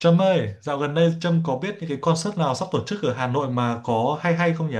Trâm ơi, dạo gần đây Trâm có biết những cái concert nào sắp tổ chức ở Hà Nội mà có hay hay không nhỉ?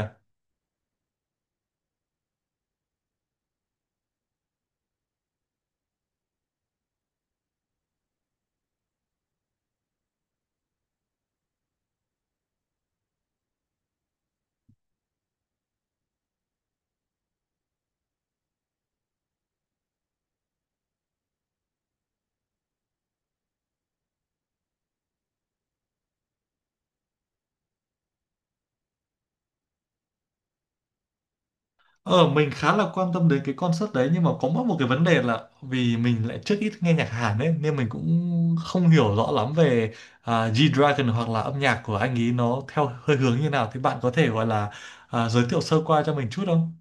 Ờ, mình khá là quan tâm đến cái concert đấy nhưng mà có mỗi một cái vấn đề là vì mình lại trước ít nghe nhạc Hàn ấy nên mình cũng không hiểu rõ lắm về G-Dragon hoặc là âm nhạc của anh ấy nó theo hơi hướng như nào thì bạn có thể gọi là giới thiệu sơ qua cho mình chút không?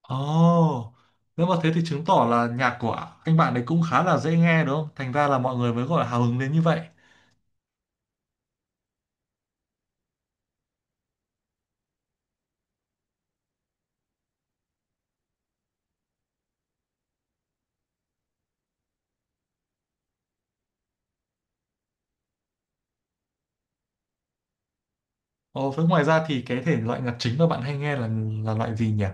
Ồ, nếu mà thế thì chứng tỏ là nhạc của anh bạn ấy cũng khá là dễ nghe đúng không? Thành ra là mọi người mới gọi là hào hứng đến như vậy. Ồ, với ngoài ra thì cái thể loại nhạc chính mà bạn hay nghe là loại gì nhỉ?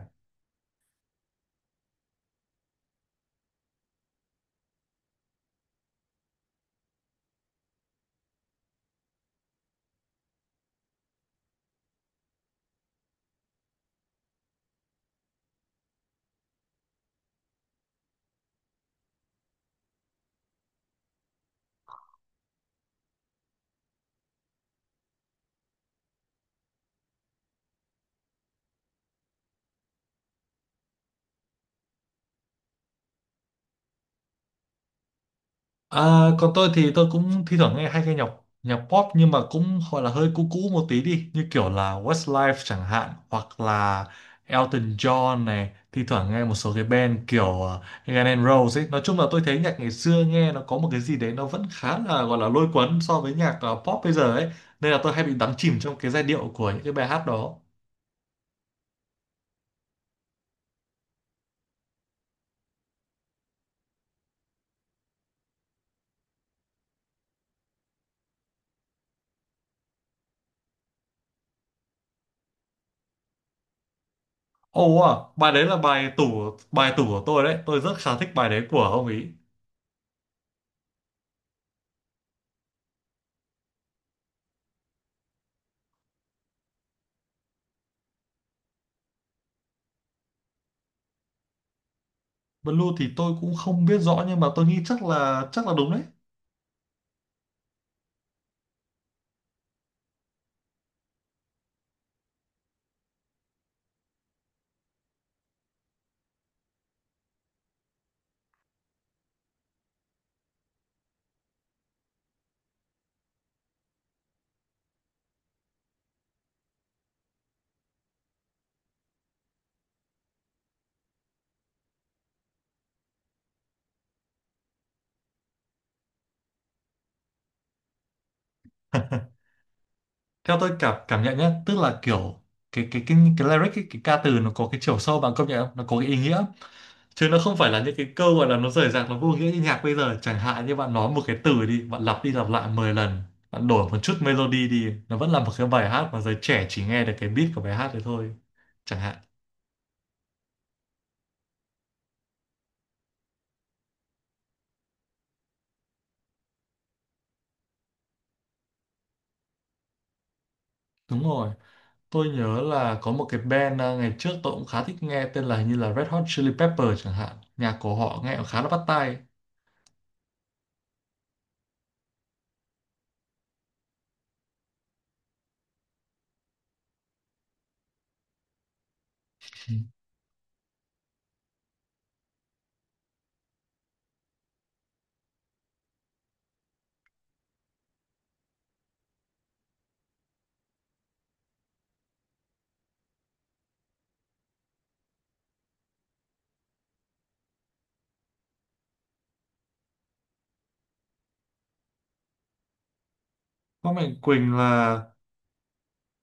À, còn tôi thì tôi cũng thi thoảng nghe hay nghe nhạc nhạc pop nhưng mà cũng gọi là hơi cũ cũ một tí đi như kiểu là Westlife chẳng hạn hoặc là Elton John này thi thoảng nghe một số cái band kiểu Guns N' Roses ấy, nói chung là tôi thấy nhạc ngày xưa nghe nó có một cái gì đấy nó vẫn khá là gọi là lôi cuốn so với nhạc pop bây giờ ấy, nên là tôi hay bị đắm chìm trong cái giai điệu của những cái bài hát đó. Ồ, bài đấy là bài tủ của tôi đấy. Tôi rất khá thích bài đấy của ông ý. Blue thì tôi cũng không biết rõ nhưng mà tôi nghĩ chắc là đúng đấy. Theo tôi cảm cảm nhận nhá, tức là kiểu cái lyric cái ca từ nó có cái chiều sâu, bạn công nhận không? Nó có cái ý nghĩa chứ nó không phải là những cái câu gọi là nó rời rạc, nó vô nghĩa như nhạc bây giờ. Chẳng hạn như bạn nói một cái từ đi, bạn lặp đi lặp lại 10 lần, bạn đổi một chút melody đi, nó vẫn là một cái bài hát mà giới trẻ chỉ nghe được cái beat của bài hát đấy thôi. Chẳng hạn. Đúng rồi. Tôi nhớ là có một cái band ngày trước tôi cũng khá thích nghe, tên là hình như là Red Hot Chili Pepper chẳng hạn. Nhạc của họ nghe cũng khá là bắt tai. Có Mạnh Quỳnh là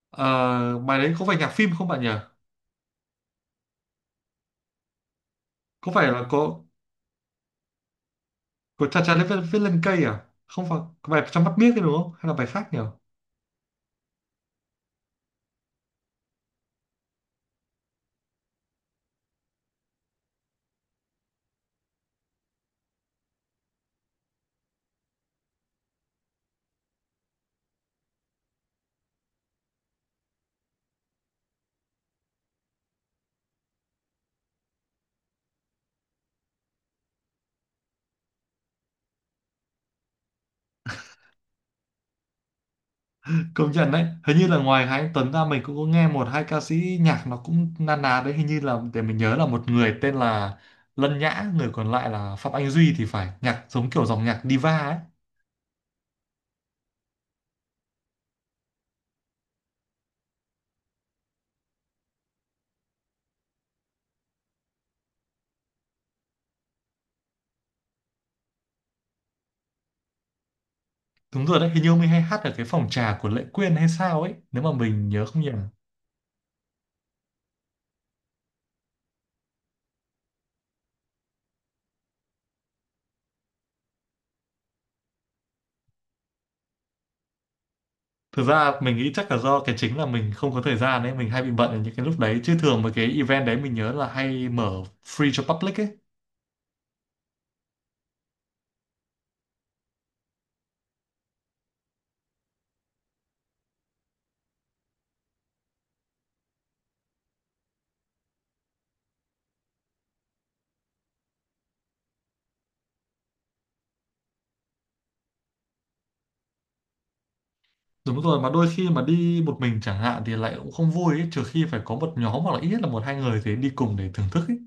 ờ, bài đấy có phải nhạc phim không bạn nhỉ? Có phải là có của Cha Cha Viết, viết lên cây à? Không phải có bài trong mắt biếc đấy đúng không? Hay là bài khác nhỉ? Công nhận đấy. Hình như là ngoài Hà Anh Tuấn ra mình cũng có nghe một hai ca sĩ nhạc nó cũng na ná đấy. Hình như là để mình nhớ là một người tên là Lân Nhã, người còn lại là Phạm Anh Duy thì phải, nhạc giống kiểu dòng nhạc diva ấy. Đúng rồi đấy, hình như ông ấy hay hát ở cái phòng trà của Lệ Quyên hay sao ấy, nếu mà mình nhớ không nhầm. Thực ra mình nghĩ chắc là do cái chính là mình không có thời gian ấy, mình hay bị bận ở những cái lúc đấy. Chứ thường mà cái event đấy mình nhớ là hay mở free cho public ấy. Đúng rồi, mà đôi khi mà đi một mình chẳng hạn thì lại cũng không vui ấy, trừ khi phải có một nhóm hoặc là ít nhất là một hai người thì đi cùng để thưởng thức ấy.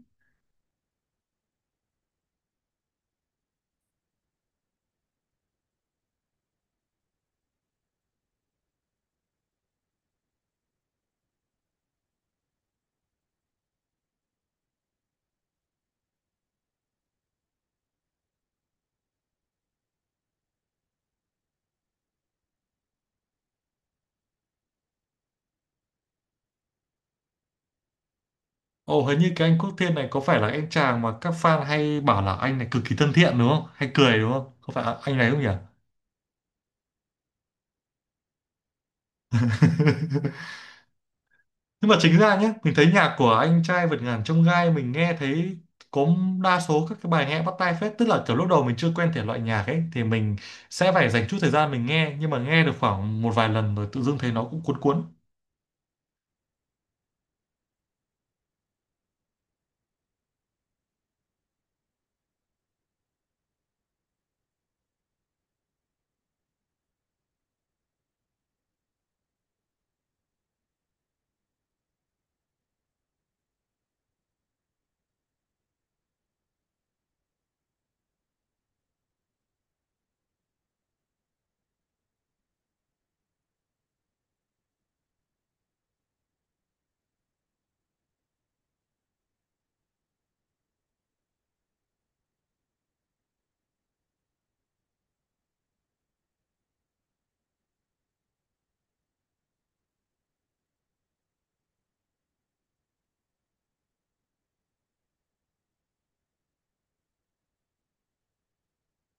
Ồ, hình như cái anh Quốc Thiên này có phải là anh chàng mà các fan hay bảo là anh này cực kỳ thân thiện đúng không? Hay cười đúng không? Có phải anh này không nhỉ? Nhưng mà chính ra nhé, mình thấy nhạc của anh trai vượt ngàn chông gai mình nghe thấy có đa số các cái bài nghe bắt tai phết, tức là kiểu lúc đầu mình chưa quen thể loại nhạc ấy thì mình sẽ phải dành chút thời gian mình nghe, nhưng mà nghe được khoảng một vài lần rồi tự dưng thấy nó cũng cuốn cuốn.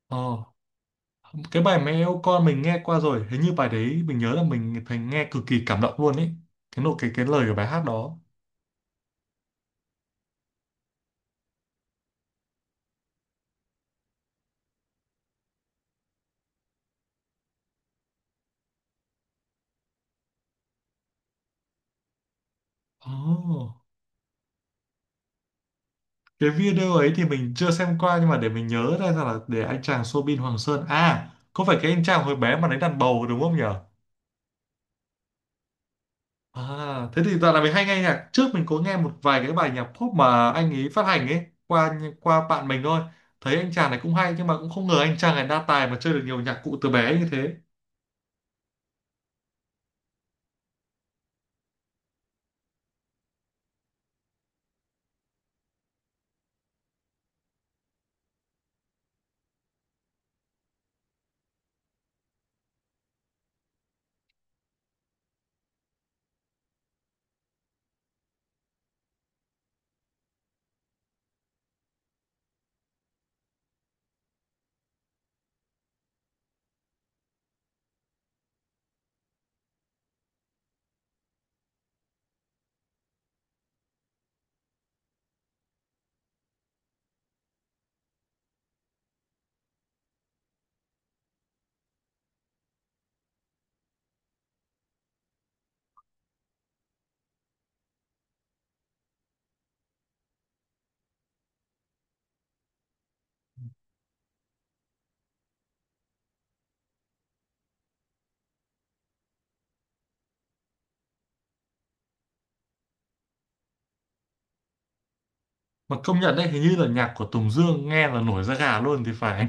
Ờ, cái bài mẹ yêu con mình nghe qua rồi, hình như bài đấy mình nhớ là mình thấy nghe cực kỳ cảm động luôn ấy, cái nội cái lời của bài hát đó. Oh, cái video ấy thì mình chưa xem qua nhưng mà để mình nhớ ra là, để anh chàng Soobin Hoàng Sơn à, có phải cái anh chàng hồi bé mà đánh đàn bầu đúng không nhỉ? À, thế thì dạo này mình hay nghe nhạc, trước mình có nghe một vài cái bài nhạc pop mà anh ấy phát hành ấy, qua qua bạn mình thôi, thấy anh chàng này cũng hay nhưng mà cũng không ngờ anh chàng này đa tài mà chơi được nhiều nhạc cụ từ bé như thế. Mà công nhận đấy, hình như là nhạc của Tùng Dương nghe là nổi da gà luôn thì phải.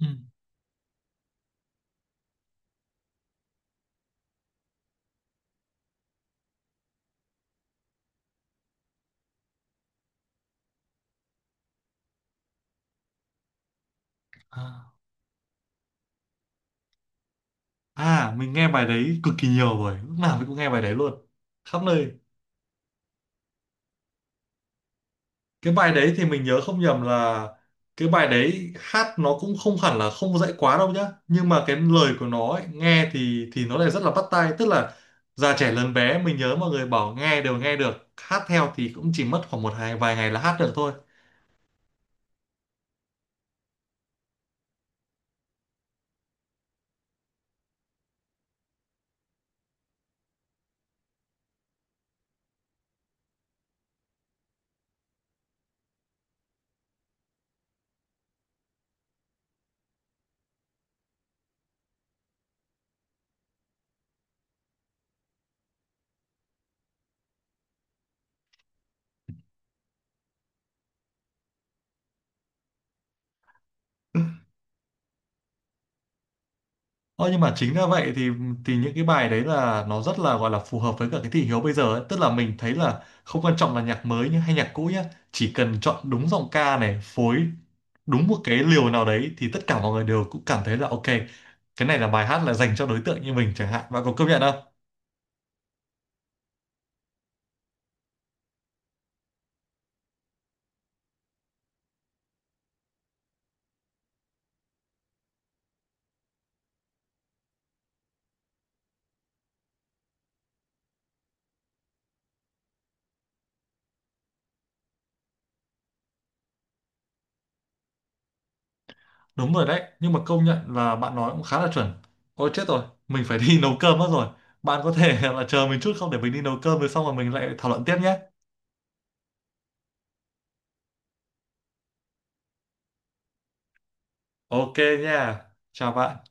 Ừ. à, mình nghe bài đấy cực kỳ nhiều rồi, lúc nào mình cũng nghe bài đấy luôn, khắp nơi. Cái bài đấy thì mình nhớ không nhầm là cái bài đấy hát nó cũng không hẳn là không dạy quá đâu nhá, nhưng mà cái lời của nó ấy, nghe thì nó lại rất là bắt tai, tức là già trẻ lớn bé mình nhớ mọi người bảo nghe đều nghe được, hát theo thì cũng chỉ mất khoảng một hai vài ngày là hát được thôi. Ờ, nhưng mà chính ra vậy thì những cái bài đấy là nó rất là gọi là phù hợp với cả cái thị hiếu bây giờ ấy. Tức là mình thấy là không quan trọng là nhạc mới nhá, hay nhạc cũ nhá, chỉ cần chọn đúng giọng ca này, phối đúng một cái liều nào đấy thì tất cả mọi người đều cũng cảm thấy là ok, cái này là bài hát là dành cho đối tượng như mình chẳng hạn. Bạn có công nhận không? Đúng rồi đấy, nhưng mà công nhận là bạn nói cũng khá là chuẩn. Ôi chết rồi, mình phải đi nấu cơm mất rồi. Bạn có thể là chờ mình chút không để mình đi nấu cơm rồi xong rồi mình lại thảo luận tiếp nhé. Ok nha. Chào bạn.